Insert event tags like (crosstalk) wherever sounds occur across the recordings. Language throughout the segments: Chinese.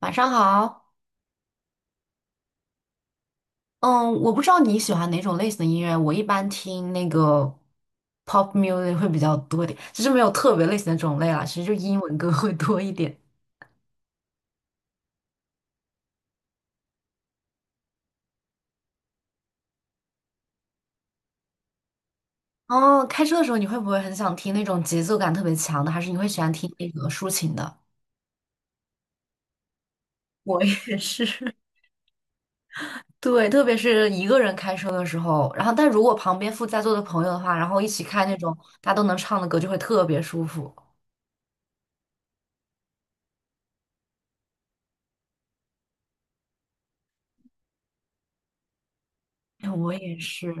晚上好，嗯，我不知道你喜欢哪种类型的音乐，我一般听那个 pop music 会比较多一点，其实没有特别类型的种类啦，其实就英文歌会多一点。哦，开车的时候你会不会很想听那种节奏感特别强的，还是你会喜欢听那个抒情的？(laughs) 我也是，(laughs) 对，特别是一个人开车的时候，然后但如果旁边附在座的朋友的话，然后一起开那种大家都能唱的歌，就会特别舒服。哎我也是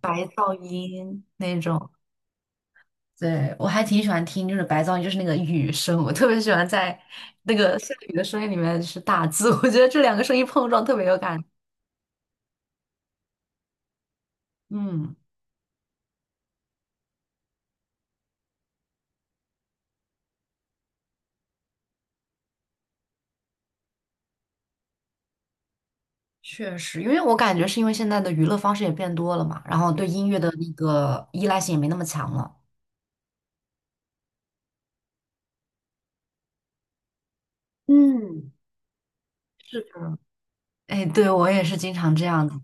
白噪音那种。对，我还挺喜欢听，就是白噪音，就是那个雨声，我特别喜欢在那个下雨的声音里面是打字，我觉得这两个声音碰撞特别有感觉。嗯，确实，因为我感觉是因为现在的娱乐方式也变多了嘛，然后对音乐的那个依赖性也没那么强了。嗯，是的。哎，对，我也是经常这样子。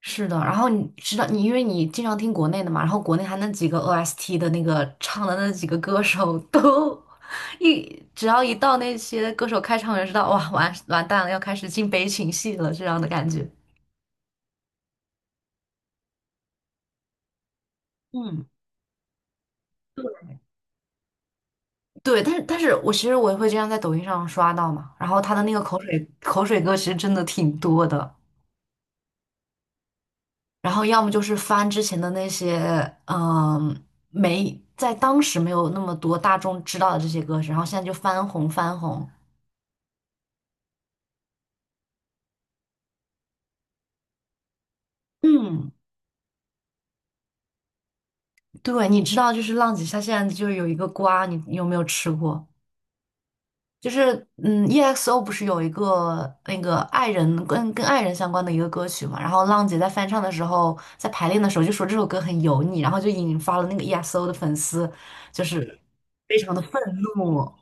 是的，然后你知道，你因为你经常听国内的嘛，然后国内还那几个 OST 的那个唱的那几个歌手都 (laughs) 只要一到那些歌手开唱，我就知道哇，完完蛋了，要开始进悲情戏了这样的感觉。嗯，对，但是我其实也会这样在抖音上刷到嘛，然后他的那个口水歌其实真的挺多的，然后要么就是翻之前的那些，嗯，没在当时没有那么多大众知道的这些歌手，然后现在就翻红翻红，嗯，对，你知道，就是浪姐下现在就是有一个瓜，你有没有吃过？就是EXO 不是有一个那个爱人跟爱人相关的一个歌曲嘛？然后浪姐在翻唱的时候，在排练的时候就说这首歌很油腻，然后就引发了那个 EXO 的粉丝，就是非常的愤怒。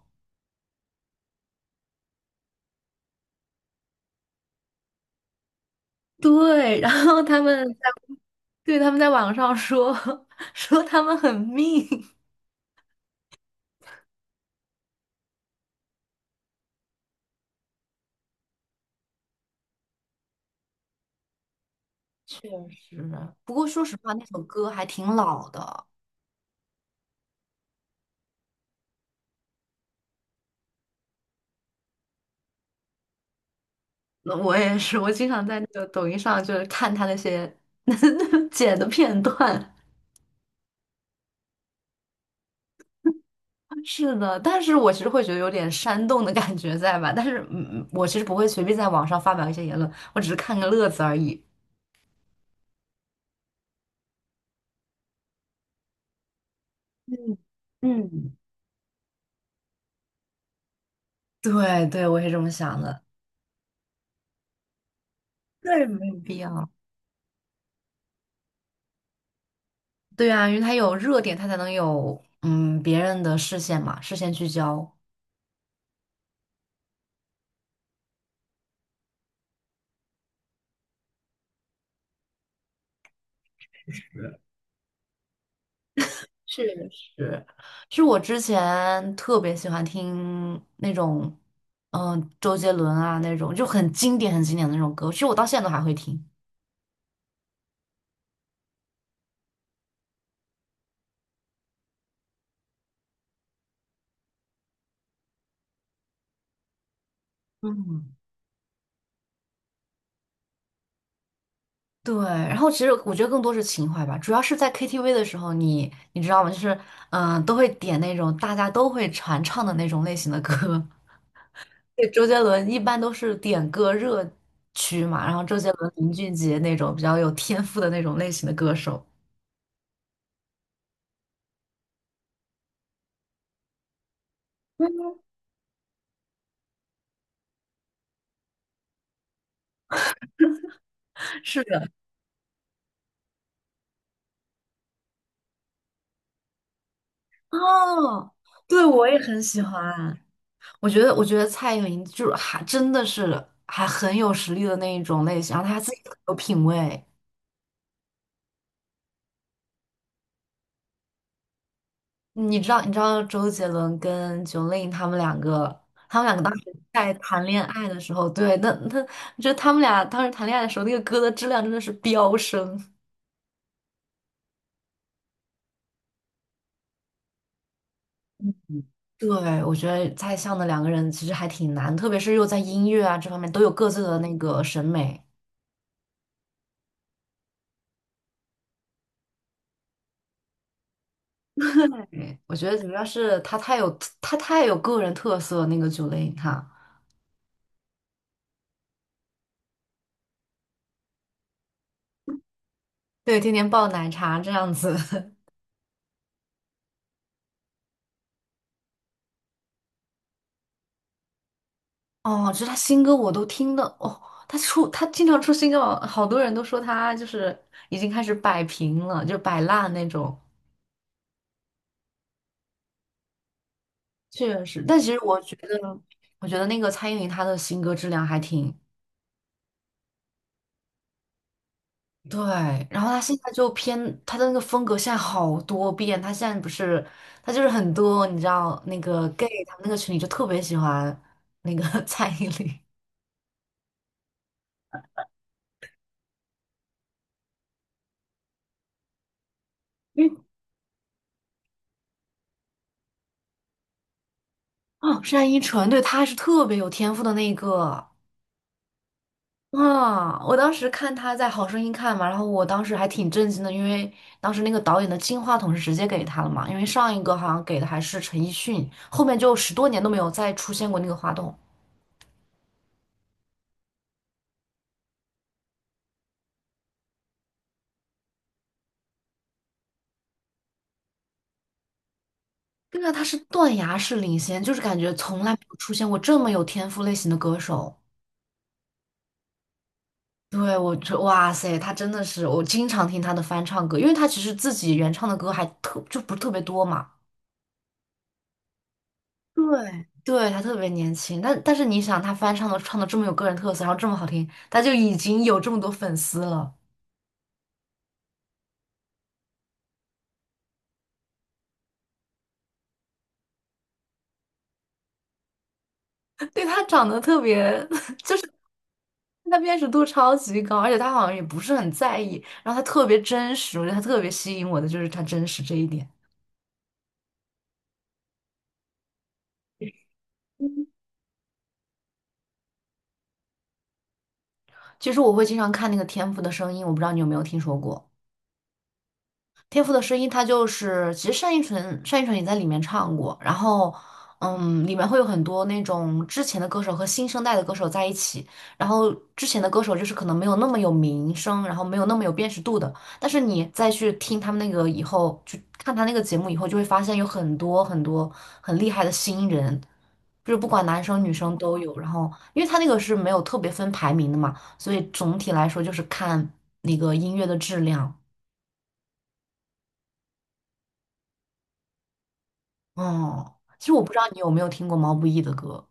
对，(laughs) 然后他们在对他们在网上说 (laughs) 说他们很命，确实。不过说实话，那首歌还挺老的。那我也是，我经常在那个抖音上就是看他那些 (laughs) 剪的片段。是的，但是我其实会觉得有点煽动的感觉在吧？但是，我其实不会随便在网上发表一些言论，我只是看个乐子而已。嗯嗯，对对，我也是这么想的。对，没有必要。对啊，因为它有热点，它才能有别人的视线嘛，视线聚焦。确实，是我之前特别喜欢听那种，周杰伦啊那种，就很经典、很经典的那种歌。其实我到现在都还会听。嗯，对，然后其实我觉得更多是情怀吧，主要是在 KTV 的时候你，你知道吗？就是都会点那种大家都会传唱的那种类型的歌。对，周杰伦一般都是点歌热区嘛，然后周杰伦、林俊杰那种比较有天赋的那种类型的歌手。是的，哦，对，我也很喜欢。我觉得蔡依林就是还真的是还很有实力的那一种类型，然后她自己很有品味。你知道周杰伦跟 Jolin 他们两个，他们两个当时在谈恋爱的时候，对，那就他们俩当时谈恋爱的时候，那个歌的质量真的是飙升。对，我觉得在相的两个人其实还挺难，特别是又在音乐啊这方面都有各自的那个审美。对，我觉得主要是他太有个人特色，那个九零他，对，天天爆奶茶这样子。(laughs) 哦，就是他新歌我都听的哦，他经常出新歌，好多人都说他就是已经开始摆平了，就摆烂那种。确实，但其实我觉得那个蔡依林她的新歌质量还挺对，然后他现在就偏他的那个风格现在好多变，他现在不是他就是很多，你知道那个 gay 他们那个群里就特别喜欢那个 (laughs) 蔡依林，因为哦单依纯，对，她是特别有天赋的那一个啊，我当时看她在《好声音》看嘛，然后我当时还挺震惊的，因为当时那个导演的金话筒是直接给他了嘛，因为上一个好像给的还是陈奕迅，后面就十多年都没有再出现过那个话筒。对啊，他是断崖式领先，就是感觉从来没有出现过这么有天赋类型的歌手。对，哇塞，他真的是，我经常听他的翻唱歌，因为他其实自己原唱的歌还特，就不是特别多嘛。对，对，他特别年轻，但是你想，他翻唱的这么有个人特色，然后这么好听，他就已经有这么多粉丝了。(laughs) 对，他长得特别，(laughs) 他辨识度超级高，而且他好像也不是很在意，然后他特别真实，我觉得他特别吸引我的就是他真实这一点。其实我会经常看那个《天赋的声音》，我不知道你有没有听说过。天赋的声音，它就是其实单依纯也在里面唱过，然后里面会有很多那种之前的歌手和新生代的歌手在一起，然后之前的歌手就是可能没有那么有名声，然后没有那么有辨识度的，但是你再去听他们那个以后，去看他那个节目以后，就会发现有很多很多很厉害的新人。就是不管男生女生都有，然后因为他那个是没有特别分排名的嘛，所以总体来说就是看那个音乐的质量。哦，其实我不知道你有没有听过毛不易的歌。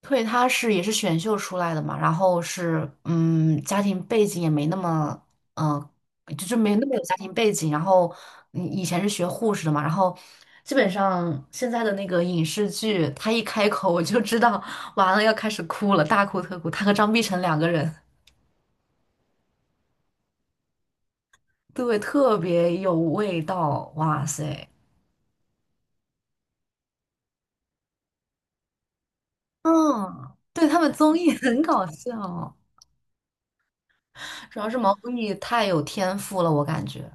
对，他是也是选秀出来的嘛，然后是家庭背景也没那么嗯、就是没那么有家庭背景，然后以前是学护士的嘛，然后基本上现在的那个影视剧，他一开口我就知道完了要开始哭了，大哭特哭。他和张碧晨两个人，对，特别有味道，哇塞，嗯，对他们综艺很搞笑。主要是毛不易太有天赋了，我感觉，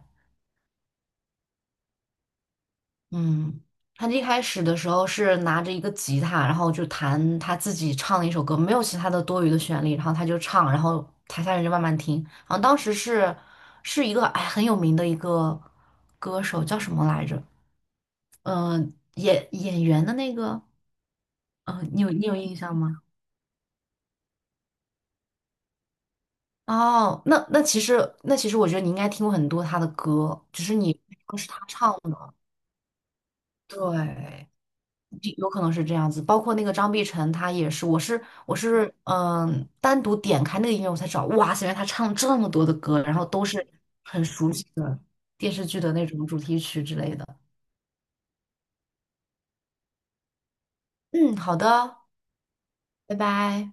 嗯，他一开始的时候是拿着一个吉他，然后就弹他自己唱的一首歌，没有其他的多余的旋律，然后他就唱，然后台下人就慢慢听。然后当时是一个哎很有名的一个歌手，叫什么来着？演员的那个，嗯、你有印象吗？哦，那其实我觉得你应该听过很多他的歌，只是你不是他唱的，对。有可能是这样子，包括那个张碧晨，他也是，我是单独点开那个音乐我才找，哇塞，原来他唱了这么多的歌，然后都是很熟悉的电视剧的那种主题曲之类的。嗯，好的，拜拜。